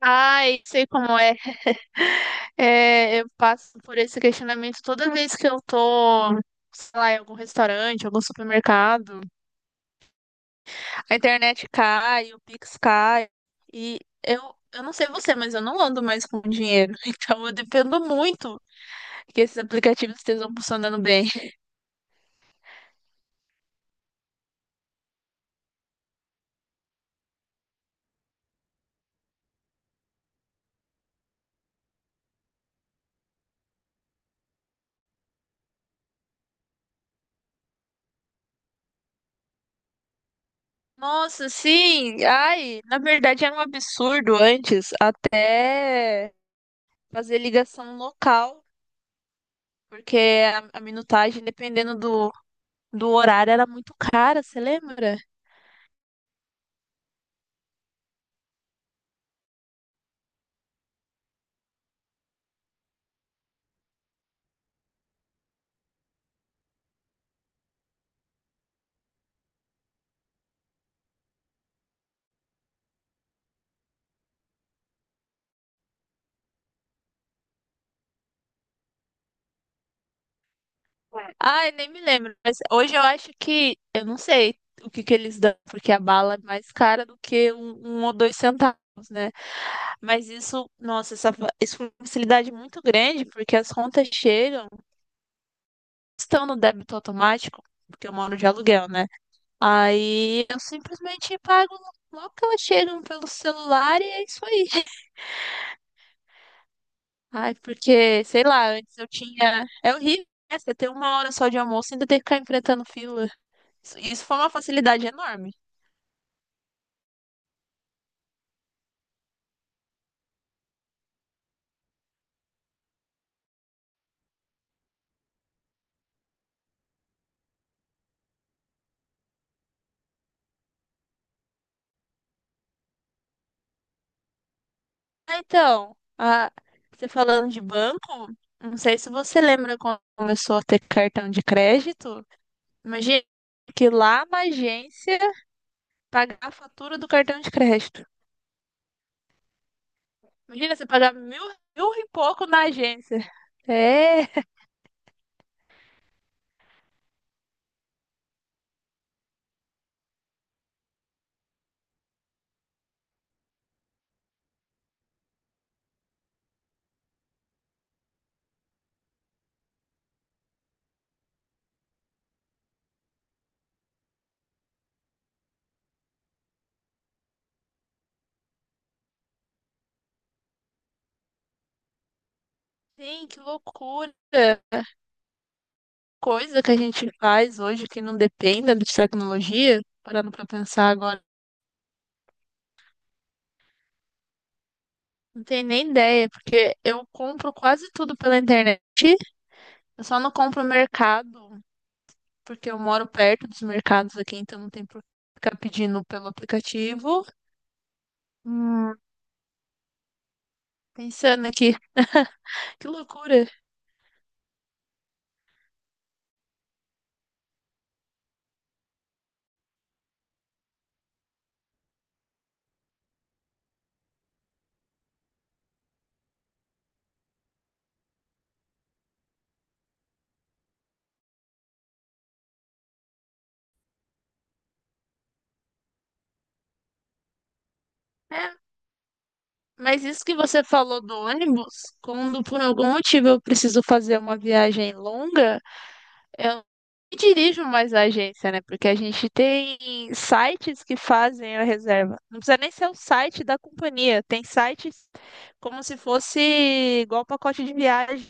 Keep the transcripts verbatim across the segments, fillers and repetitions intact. Ai, sei como é. É, eu passo por esse questionamento toda vez que eu tô, sei lá, em algum restaurante, algum supermercado. A internet cai, o Pix cai. E eu, eu não sei você, mas eu não ando mais com dinheiro. Então eu dependo muito que esses aplicativos estejam funcionando bem. Nossa, sim. Ai, na verdade era um absurdo antes até fazer ligação local. Porque a, a minutagem, dependendo do do horário era muito cara, você lembra? Ai, nem me lembro, mas hoje eu acho que, eu não sei o que que eles dão, porque a bala é mais cara do que um, um ou dois centavos, né? Mas isso, nossa, essa, fa- isso foi uma facilidade muito grande, porque as contas chegam, estão no débito automático, porque eu moro de aluguel, né? Aí eu simplesmente pago logo que elas chegam pelo celular e é isso aí. Ai, porque, sei lá, antes eu tinha. É horrível, né? Você ter uma hora só de almoço e ainda ter que ficar enfrentando fila. Isso, isso foi uma facilidade enorme. Ah, então, ah, você falando de banco, não sei se você lembra quando começou a ter cartão de crédito. Imagina que lá na agência pagar a fatura do cartão de crédito. Imagina você pagar mil, mil e pouco na agência. É, sim, que loucura. Coisa que a gente faz hoje que não dependa de tecnologia, parando pra pensar agora, não tenho nem ideia, porque eu compro quase tudo pela internet, eu só não compro mercado, porque eu moro perto dos mercados aqui, então não tem por que ficar pedindo pelo aplicativo. Hum, pensando aqui, que loucura. É, mas isso que você falou do ônibus, quando por algum motivo eu preciso fazer uma viagem longa, eu não dirijo mais a agência, né? Porque a gente tem sites que fazem a reserva. Não precisa nem ser o site da companhia. Tem sites como se fosse igual pacote de viagem.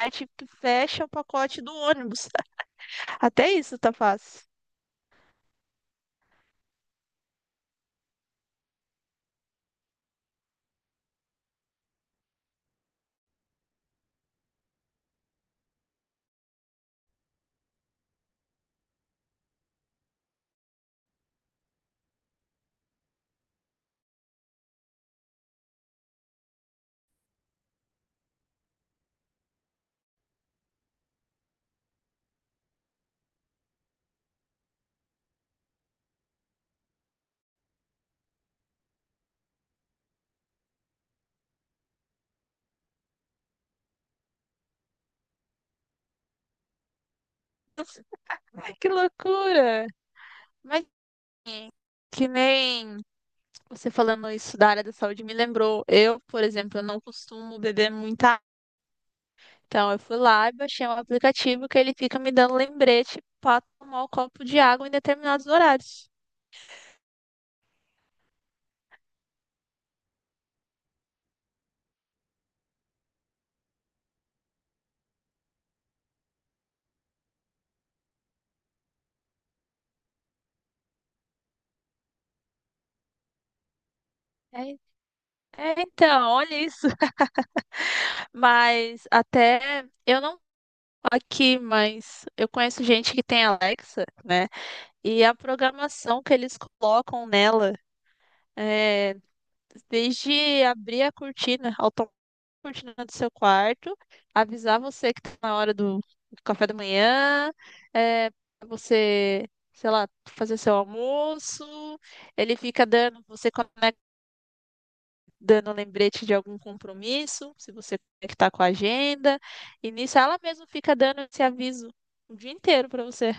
Site que fecha o pacote do ônibus. Até isso tá fácil. Ai, que loucura! Mas que nem você falando isso da área da saúde me lembrou. Eu, por exemplo, eu não costumo beber muita. Então, eu fui lá e baixei um aplicativo que ele fica me dando lembrete para tomar o copo de água em determinados horários. É, é, então, olha isso. Mas até eu não aqui, mas eu conheço gente que tem Alexa, né? E a programação que eles colocam nela é desde abrir a cortina, cortina do seu quarto, avisar você que tá na hora do café da manhã, é, pra você, sei lá, fazer seu almoço. Ele fica dando, você conecta, dando lembrete de algum compromisso, se você conectar com a agenda. E nisso ela mesma fica dando esse aviso o dia inteiro pra você.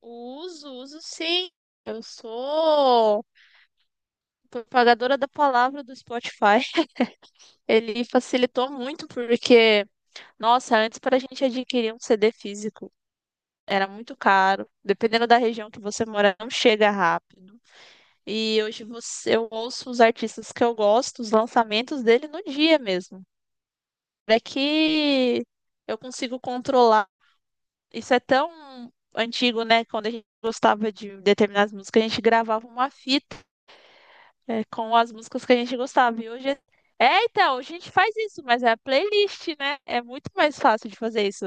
Uso, uso sim. Eu sou propagadora da palavra do Spotify. Ele facilitou muito porque, nossa, antes para a gente adquirir um C D físico era muito caro. Dependendo da região que você mora, não chega rápido. E hoje você, eu ouço os artistas que eu gosto, os lançamentos dele no dia mesmo. É que eu consigo controlar. Isso é tão antigo, né? Quando a gente gostava de determinadas músicas, a gente gravava uma fita, é, com as músicas que a gente gostava. E hoje é... é, então, a gente faz isso, mas é a playlist, né? É muito mais fácil de fazer isso.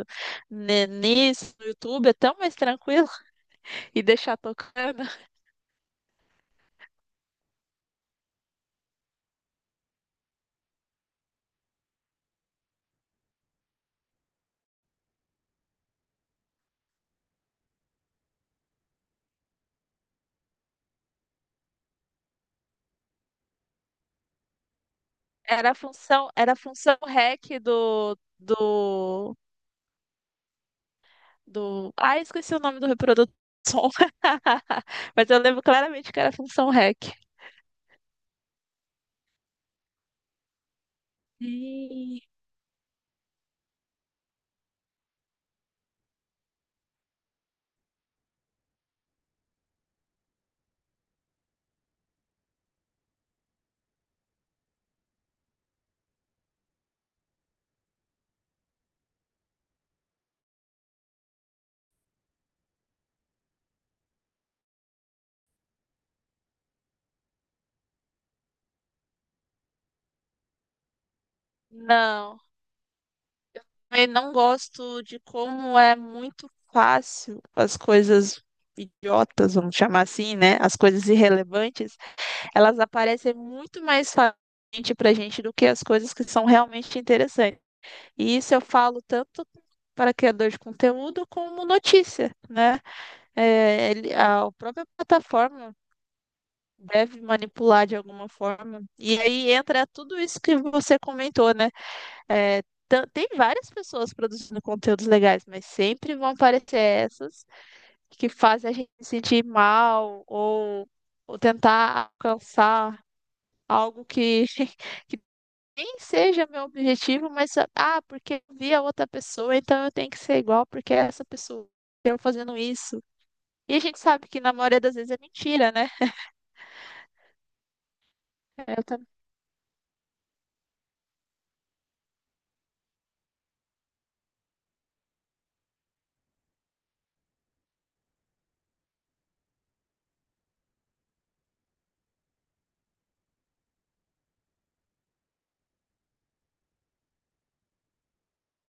Né, nisso, no YouTube, é tão mais tranquilo e deixar tocando. Era a função, era a função héqui do, do, do. Ah, esqueci o nome do reprodutor de som. Mas eu lembro claramente que era a função héqui. Ih, não. Eu não gosto de como é muito fácil as coisas idiotas, vamos chamar assim, né? As coisas irrelevantes, elas aparecem muito mais facilmente pra gente do que as coisas que são realmente interessantes. E isso eu falo tanto para criador de conteúdo como notícia, né? É, ele- a própria plataforma deve manipular de alguma forma. E aí entra tudo isso que você comentou, né? É, tã- tem várias pessoas produzindo conteúdos legais, mas sempre vão aparecer essas que fazem a gente se sentir mal ou, ou tentar alcançar algo que, que nem seja meu objetivo, mas ah, porque eu vi a outra pessoa, então eu tenho que ser igual porque é essa pessoa eu fazendo isso. E a gente sabe que na maioria das vezes é mentira, né? Eu também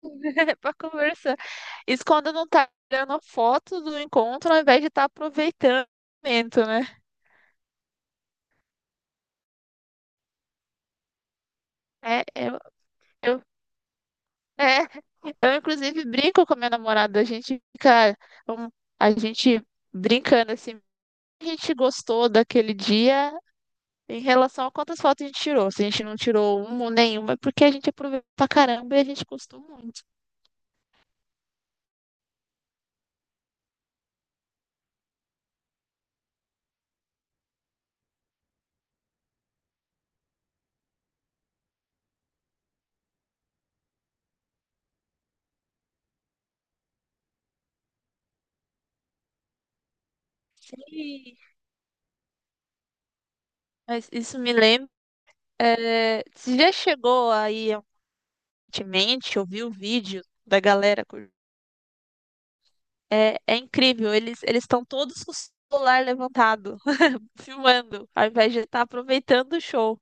para conversar. Isso quando não tá tirando foto do encontro ao invés de estar aproveitando o momento, né? É, eu, eu, é, eu inclusive brinco com meu namorado, a gente fica, um- a gente brincando assim, a gente gostou daquele dia em relação a quantas fotos a gente tirou. Se a gente não tirou uma ou nenhuma, é porque a gente aproveitou pra caramba e a gente gostou muito. E- mas isso me lembra, é, você já chegou aí recentemente, ouviu o vídeo da galera? cur- É, é incrível, eles eles estão todos com o celular levantado filmando, ao invés de estar aproveitando o show.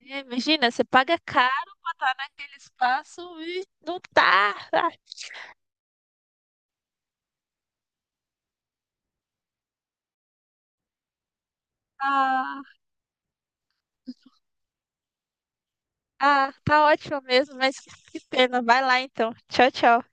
É, imagina, você paga caro pra estar naquele espaço e não tá. Ah, ah, ah, tá ótimo mesmo, mas que pena. Vai lá então. Tchau, tchau.